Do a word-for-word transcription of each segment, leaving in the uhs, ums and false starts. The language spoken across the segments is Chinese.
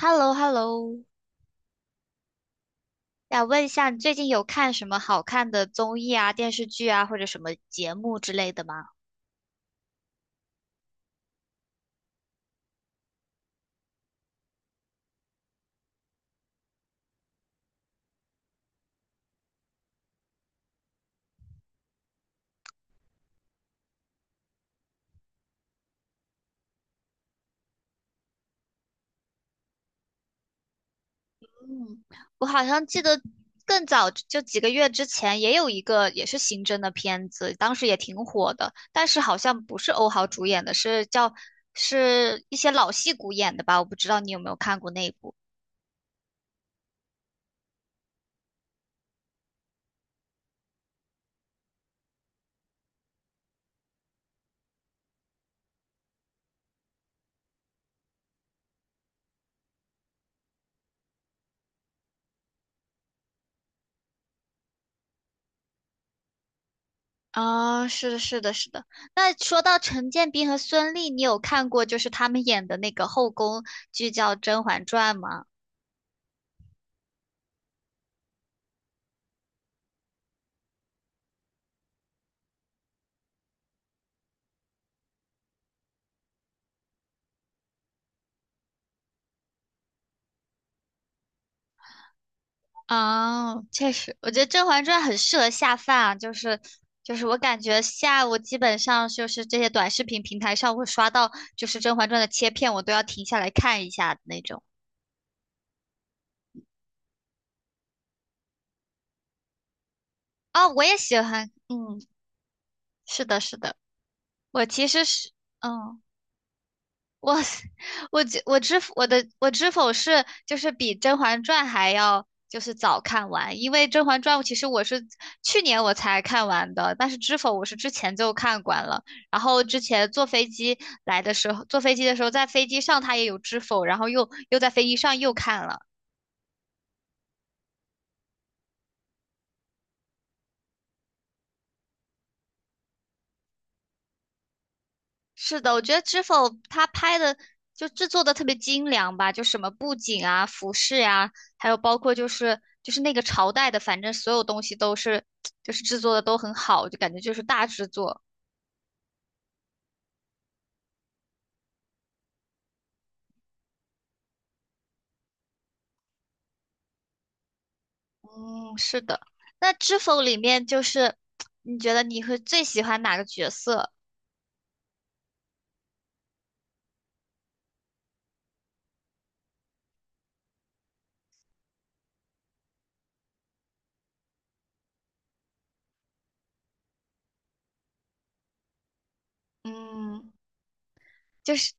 h e l l o h e l l o。 想问一下，你最近有看什么好看的综艺啊、电视剧啊，或者什么节目之类的吗？嗯，我好像记得更早就几个月之前也有一个也是刑侦的片子，当时也挺火的，但是好像不是欧豪主演的，是叫是一些老戏骨演的吧？我不知道你有没有看过那一部。啊，是的，是的，是的，那说到陈建斌和孙俪，你有看过就是他们演的那个后宫剧叫《甄嬛传》吗？哦，确实，我觉得《甄嬛传》很适合下饭啊，就是就是我感觉下午基本上就是这些短视频平台上会刷到，就是《甄嬛传》的切片，我都要停下来看一下的那种。哦，我也喜欢，嗯，是的，是的，我其实是，嗯。我我知我知我的我知否是就是比《甄嬛传》还要就是早看完，因为《甄嬛传》其实我是去年我才看完的，但是知否我是之前就看完了，然后之前坐飞机来的时候，坐飞机的时候在飞机上它也有知否，然后又又在飞机上又看了。是的，我觉得《知否》它拍的就制作的特别精良吧，就什么布景啊、服饰呀、还有包括就是就是那个朝代的，反正所有东西都是就是制作的都很好，就感觉就是大制作。嗯，是的。那《知否》里面就是你觉得你会最喜欢哪个角色？嗯，就是。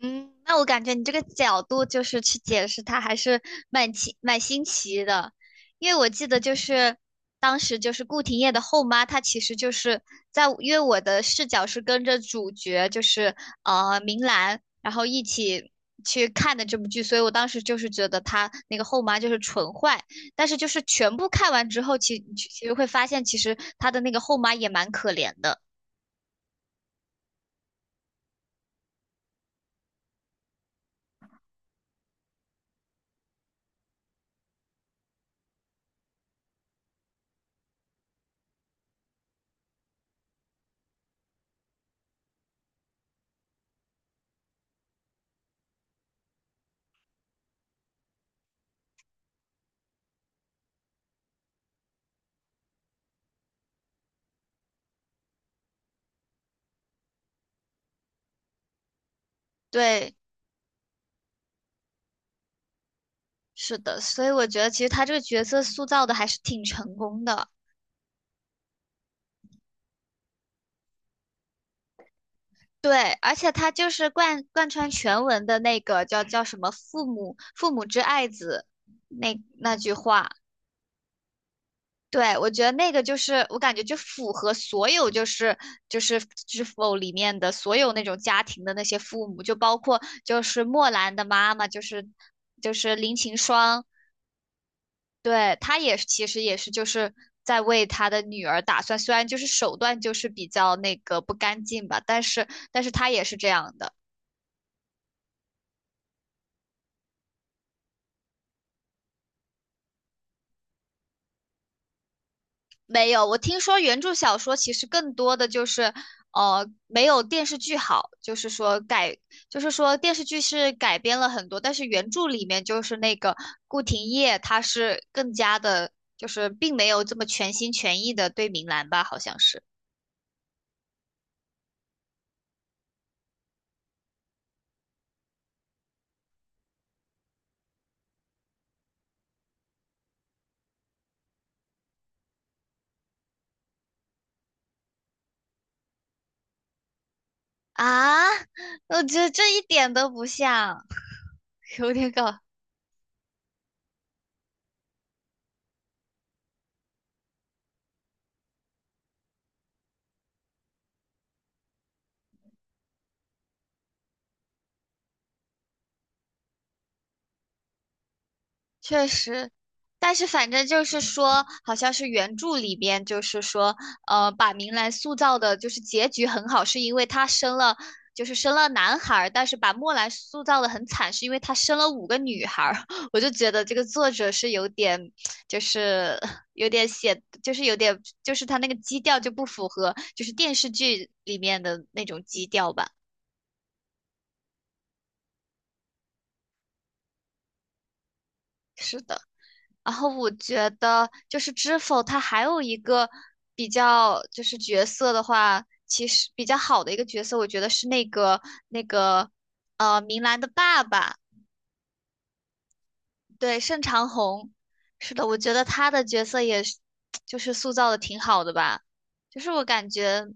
嗯，那我感觉你这个角度就是去解释它，还是蛮奇蛮新奇的，因为我记得就是当时就是顾廷烨的后妈，她其实就是在，因为我的视角是跟着主角就是呃明兰，然后一起去看的这部剧，所以我当时就是觉得她那个后妈就是纯坏，但是就是全部看完之后，其其实会发现其实她的那个后妈也蛮可怜的，对。是的，所以我觉得其实他这个角色塑造的还是挺成功的。对，而且他就是贯贯穿全文的那个叫叫什么“父母父母之爱子”那那句话。对，我觉得那个就是我感觉就符合所有就是就是知否里面的所有那种家庭的那些父母，就包括就是莫兰的妈妈，就是就是林晴霜，对，他也是其实也是就是在为他的女儿打算，虽然就是手段就是比较那个不干净吧，但是但是他也是这样的。没有，我听说原著小说其实更多的就是，呃，没有电视剧好，就是说改，就是说电视剧是改编了很多，但是原著里面就是那个顾廷烨，他是更加的，就是并没有这么全心全意的对明兰吧，好像是啊，我觉得这一点都不像。有点搞，确实，但是反正就是说，好像是原著里边就是说，呃，把明兰塑造的就是结局很好，是因为她生了，就是生了男孩儿，但是把墨兰塑造的很惨，是因为她生了五个女孩儿。我就觉得这个作者是有点，就是有点写，就是有点，就是他那个基调就不符合，就是电视剧里面的那种基调吧。是的。然后我觉得就是知否，它还有一个比较就是角色的话，其实比较好的一个角色，我觉得是那个那个呃明兰的爸爸，对，盛长虹。是的，我觉得他的角色也是 就是塑造的挺好的吧，就是我感觉。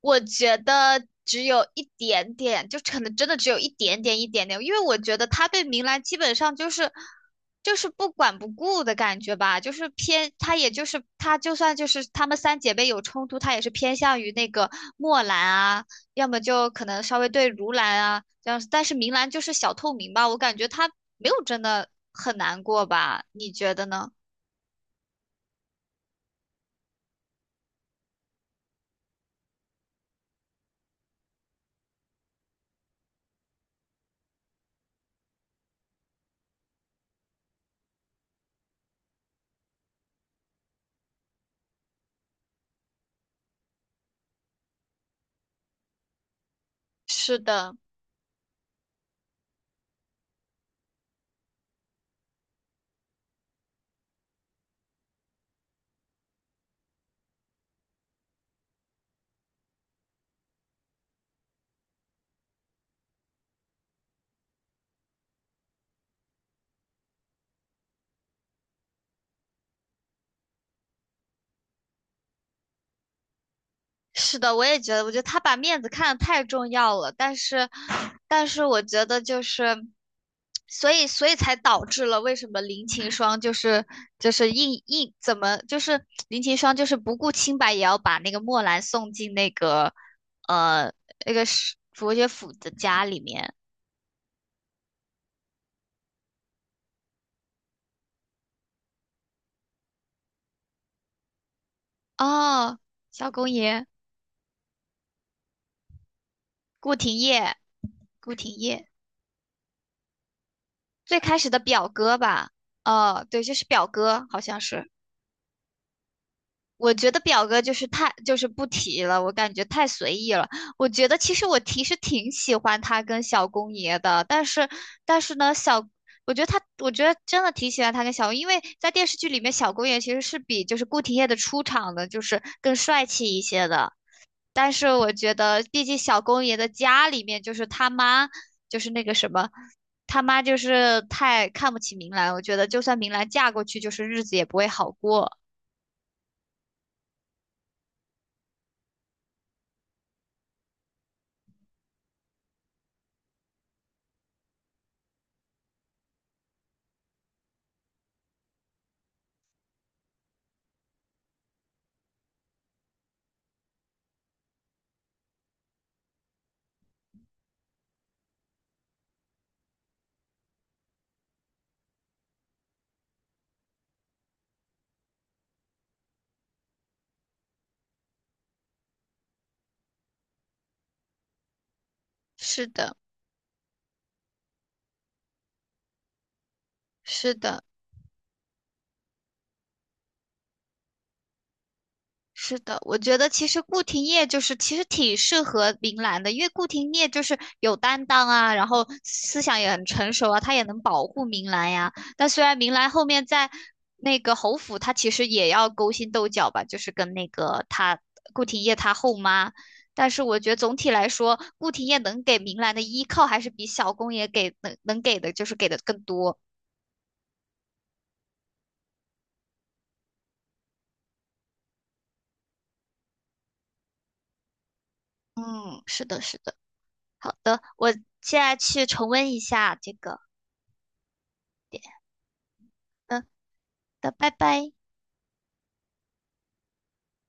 我觉得只有一点点，就可能真的只有一点点一点点，因为我觉得他对明兰基本上就是就是不管不顾的感觉吧，就是偏他也就是他就算就是他们三姐妹有冲突，他也是偏向于那个墨兰啊，要么就可能稍微对如兰啊这样子但是明兰就是小透明吧，我感觉他没有真的很难过吧，你觉得呢？是的。是的，我也觉得，我觉得他把面子看得太重要了，但是，但是，我觉得就是，所以所以才导致了为什么林晴霜就是就是硬硬怎么就是林晴霜就是不顾清白也要把那个墨兰送进那个呃那个是佛学府的家里面哦，萧公爷顾廷烨，顾廷烨最开始的表哥吧，哦，对，就是表哥，好像是。我觉得表哥就是太就是不提了，我感觉太随意了。我觉得其实我其实挺喜欢他跟小公爷的，但是但是呢，小我觉得他我觉得真的挺喜欢他跟小公，因为在电视剧里面，小公爷其实是比就是顾廷烨的出场的就是更帅气一些的。但是我觉得，毕竟小公爷的家里面就是他妈，就是那个什么，他妈就是太看不起明兰。我觉得，就算明兰嫁过去，就是日子也不会好过。是的，是的。是的，我觉得其实顾廷烨就是其实挺适合明兰的，因为顾廷烨就是有担当啊，然后思想也很成熟啊，他也能保护明兰呀。但虽然明兰后面在那个侯府，他其实也要勾心斗角吧，就是跟那个他顾廷烨他后妈。但是我觉得总体来说，顾廷烨能给明兰的依靠还是比小公爷给能能给的，就是给的更多。嗯，是的，是的。好的，我现在去重温一下这个点。嗯。的，拜拜。